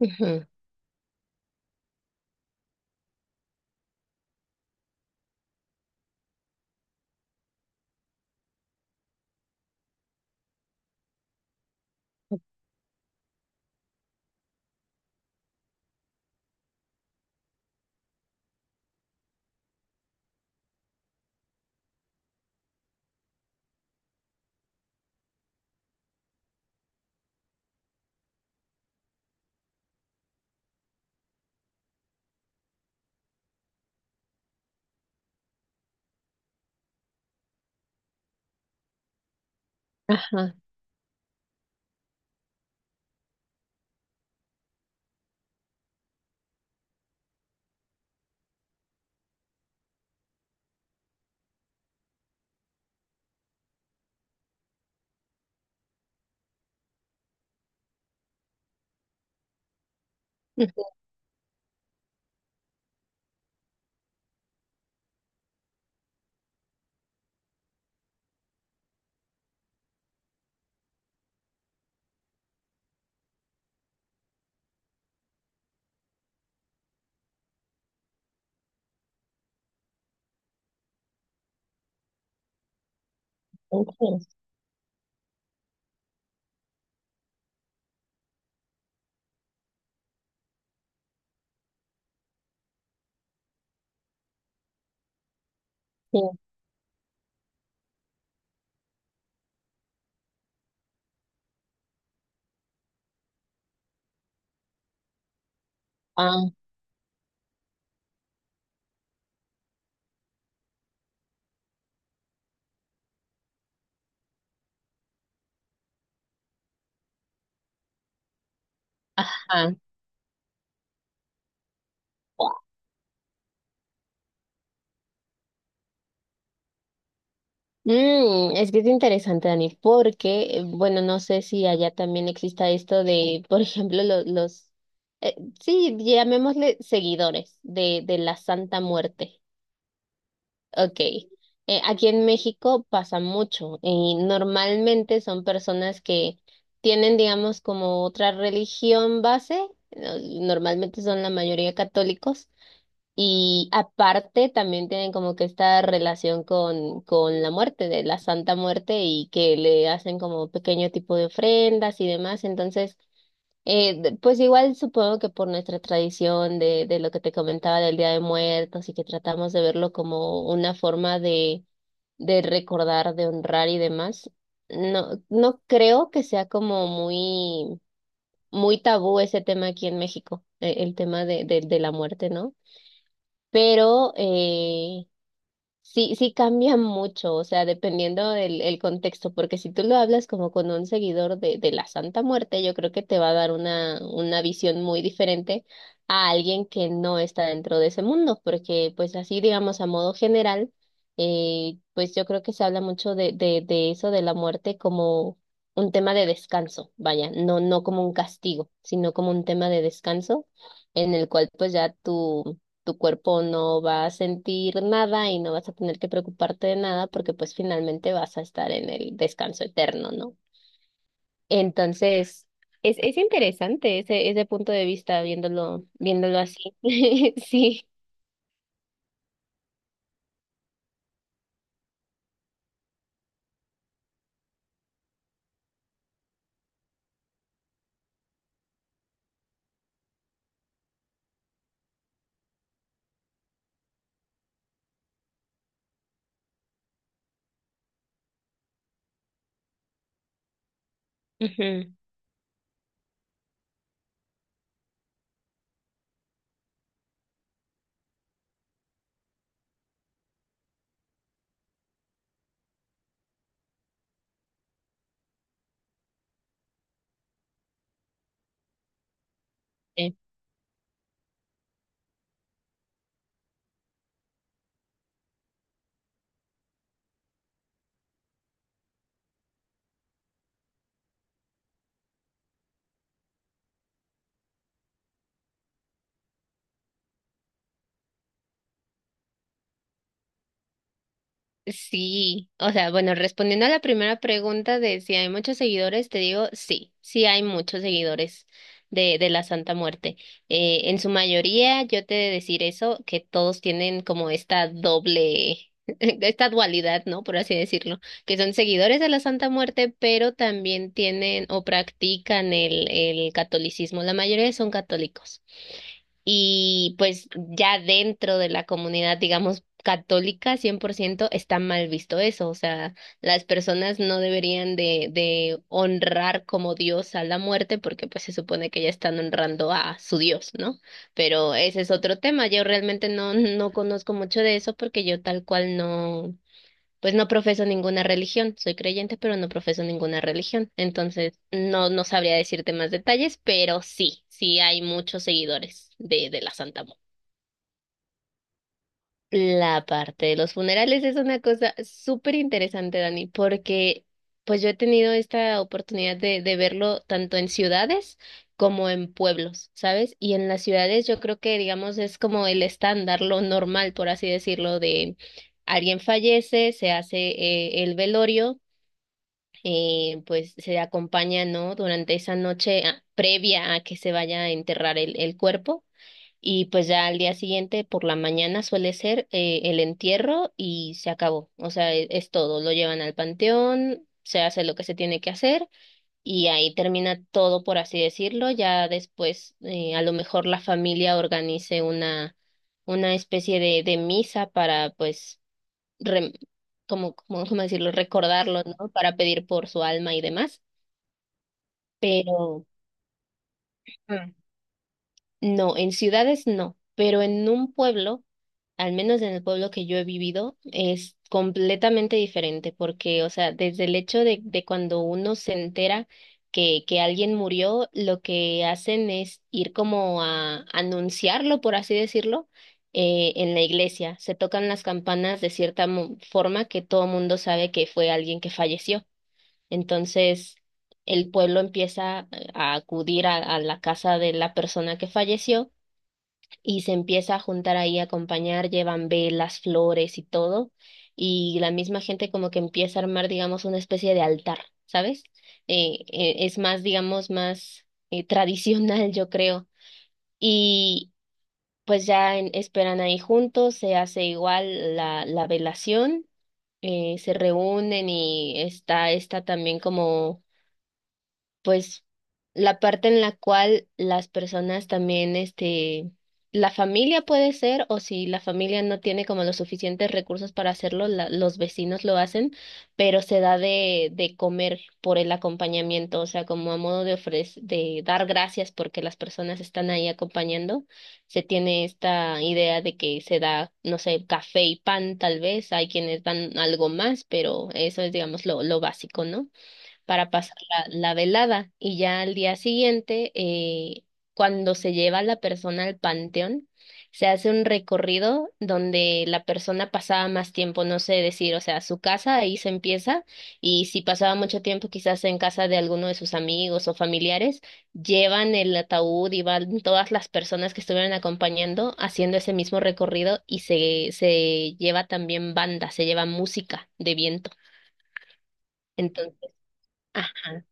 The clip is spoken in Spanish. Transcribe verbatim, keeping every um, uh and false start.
Ujú. Ajá. Ujú. Sí. Ah. Ajá. Mm, es que es interesante, Dani, porque, eh, bueno, no sé si allá también exista esto de, por ejemplo, lo- los, eh, sí, llamémosle seguidores de, de la Santa Muerte. Ok. Eh, aquí en México pasa mucho y normalmente son personas que tienen, digamos, como otra religión base, no- normalmente son la mayoría católicos. Y aparte también tienen como que esta relación con, con la muerte, de la Santa Muerte, y que le hacen como pequeño tipo de ofrendas y demás. Entonces, eh, de- pues igual supongo que por nuestra tradición de, de lo que te comentaba del Día de Muertos y que tratamos de verlo como una forma de, de recordar, de honrar y demás, no, no creo que sea como muy, muy tabú ese tema aquí en México, eh, el tema de, de, de la muerte, ¿no? Pero eh, sí, sí cambia mucho, o sea, dependiendo del el contexto, porque si tú lo hablas como con un seguidor de, de la Santa Muerte, yo creo que te va a dar una, una visión muy diferente a alguien que no está dentro de ese mundo, porque pues así, digamos, a modo general, eh, pues yo creo que se habla mucho de, de, de eso, de la muerte como un tema de descanso, vaya, no, no como un castigo, sino como un tema de descanso en el cual pues ya tú tu cuerpo no va a sentir nada y no vas a tener que preocuparte de nada porque pues finalmente vas a estar en el descanso eterno, ¿no? Entonces, es, es interesante ese, ese punto de vista viéndolo, viéndolo así. Sí. Ujú. Sí, o sea, bueno, respondiendo a la primera pregunta de si hay muchos seguidores, te digo sí, sí hay muchos seguidores de, de la Santa Muerte. Eh, en su mayoría, yo te he de decir eso, que todos tienen como esta doble, esta dualidad, ¿no? Por así decirlo, que son seguidores de la Santa Muerte, pero también tienen o practican el, el catolicismo. La mayoría son católicos y pues ya dentro de la comunidad, digamos, católica, cien por ciento está mal visto eso, o sea, las personas no deberían de, de honrar como Dios a la muerte porque pues se supone que ya están honrando a su Dios, ¿no? Pero ese es otro tema, yo realmente no, no conozco mucho de eso porque yo tal cual no. Pues no profeso ninguna religión, soy creyente, pero no profeso ninguna religión. Entonces, no, no sabría decirte más detalles, pero sí, sí hay muchos seguidores de, de la Santa Muerte. La parte de los funerales es una cosa súper interesante, Dani, porque pues yo he tenido esta oportunidad de, de verlo tanto en ciudades como en pueblos, ¿sabes? Y en las ciudades yo creo que, digamos, es como el estándar, lo normal, por así decirlo, de alguien fallece, se hace eh, el velorio eh, pues se acompaña, ¿no? Durante esa noche ah, previa a que se vaya a enterrar el, el cuerpo y pues ya al día siguiente por la mañana suele ser eh, el entierro y se acabó, o sea, e- es, todo, lo llevan al panteón, se hace lo que se tiene que hacer y ahí termina todo, por así decirlo, ya después eh, a lo mejor la familia organice una, una especie de, de misa para pues re como, como, ¿cómo decirlo? Recordarlo, ¿no? Para pedir por su alma y demás. Pero, Mm. No, en ciudades no, pero en un pueblo, al menos en el pueblo que yo he vivido, es completamente diferente, porque, o sea, desde el hecho de, de cuando uno se entera que, que alguien murió, lo que hacen es ir como a anunciarlo, por así decirlo, eh, en la iglesia. Se tocan las campanas de cierta mo- forma que todo mundo sabe que fue alguien que falleció. Entonces, el pueblo empieza a acudir a a la casa de la persona que falleció y se empieza a juntar ahí a acompañar, llevan velas, flores y todo, y la misma gente como que empieza a armar, digamos, una especie de altar, ¿sabes? Eh, eh, es más, digamos, más eh, tradicional, yo creo, y pues ya en- esperan ahí juntos, se hace igual la, la velación, eh, se reúnen y está esta también como pues la parte en la cual las personas también, este, la familia puede ser, o si la familia no tiene como los suficientes recursos para hacerlo, la- los vecinos lo hacen, pero se da de, de comer por el acompañamiento, o sea, como a modo de ofrecer, de dar gracias porque las personas están ahí acompañando, se tiene esta idea de que se da, no sé, café y pan tal vez, hay quienes dan algo más, pero eso es, digamos, lo, lo básico, ¿no? Para pasar la, la velada y ya al día siguiente, eh, cuando se lleva a la persona al panteón, se hace un recorrido donde la persona pasaba más tiempo, no sé decir, o sea, su casa ahí se empieza y si pasaba mucho tiempo quizás en casa de alguno de sus amigos o familiares, llevan el ataúd y van todas las personas que estuvieron acompañando haciendo ese mismo recorrido y se, se lleva también banda, se lleva música de viento. Entonces, ajá.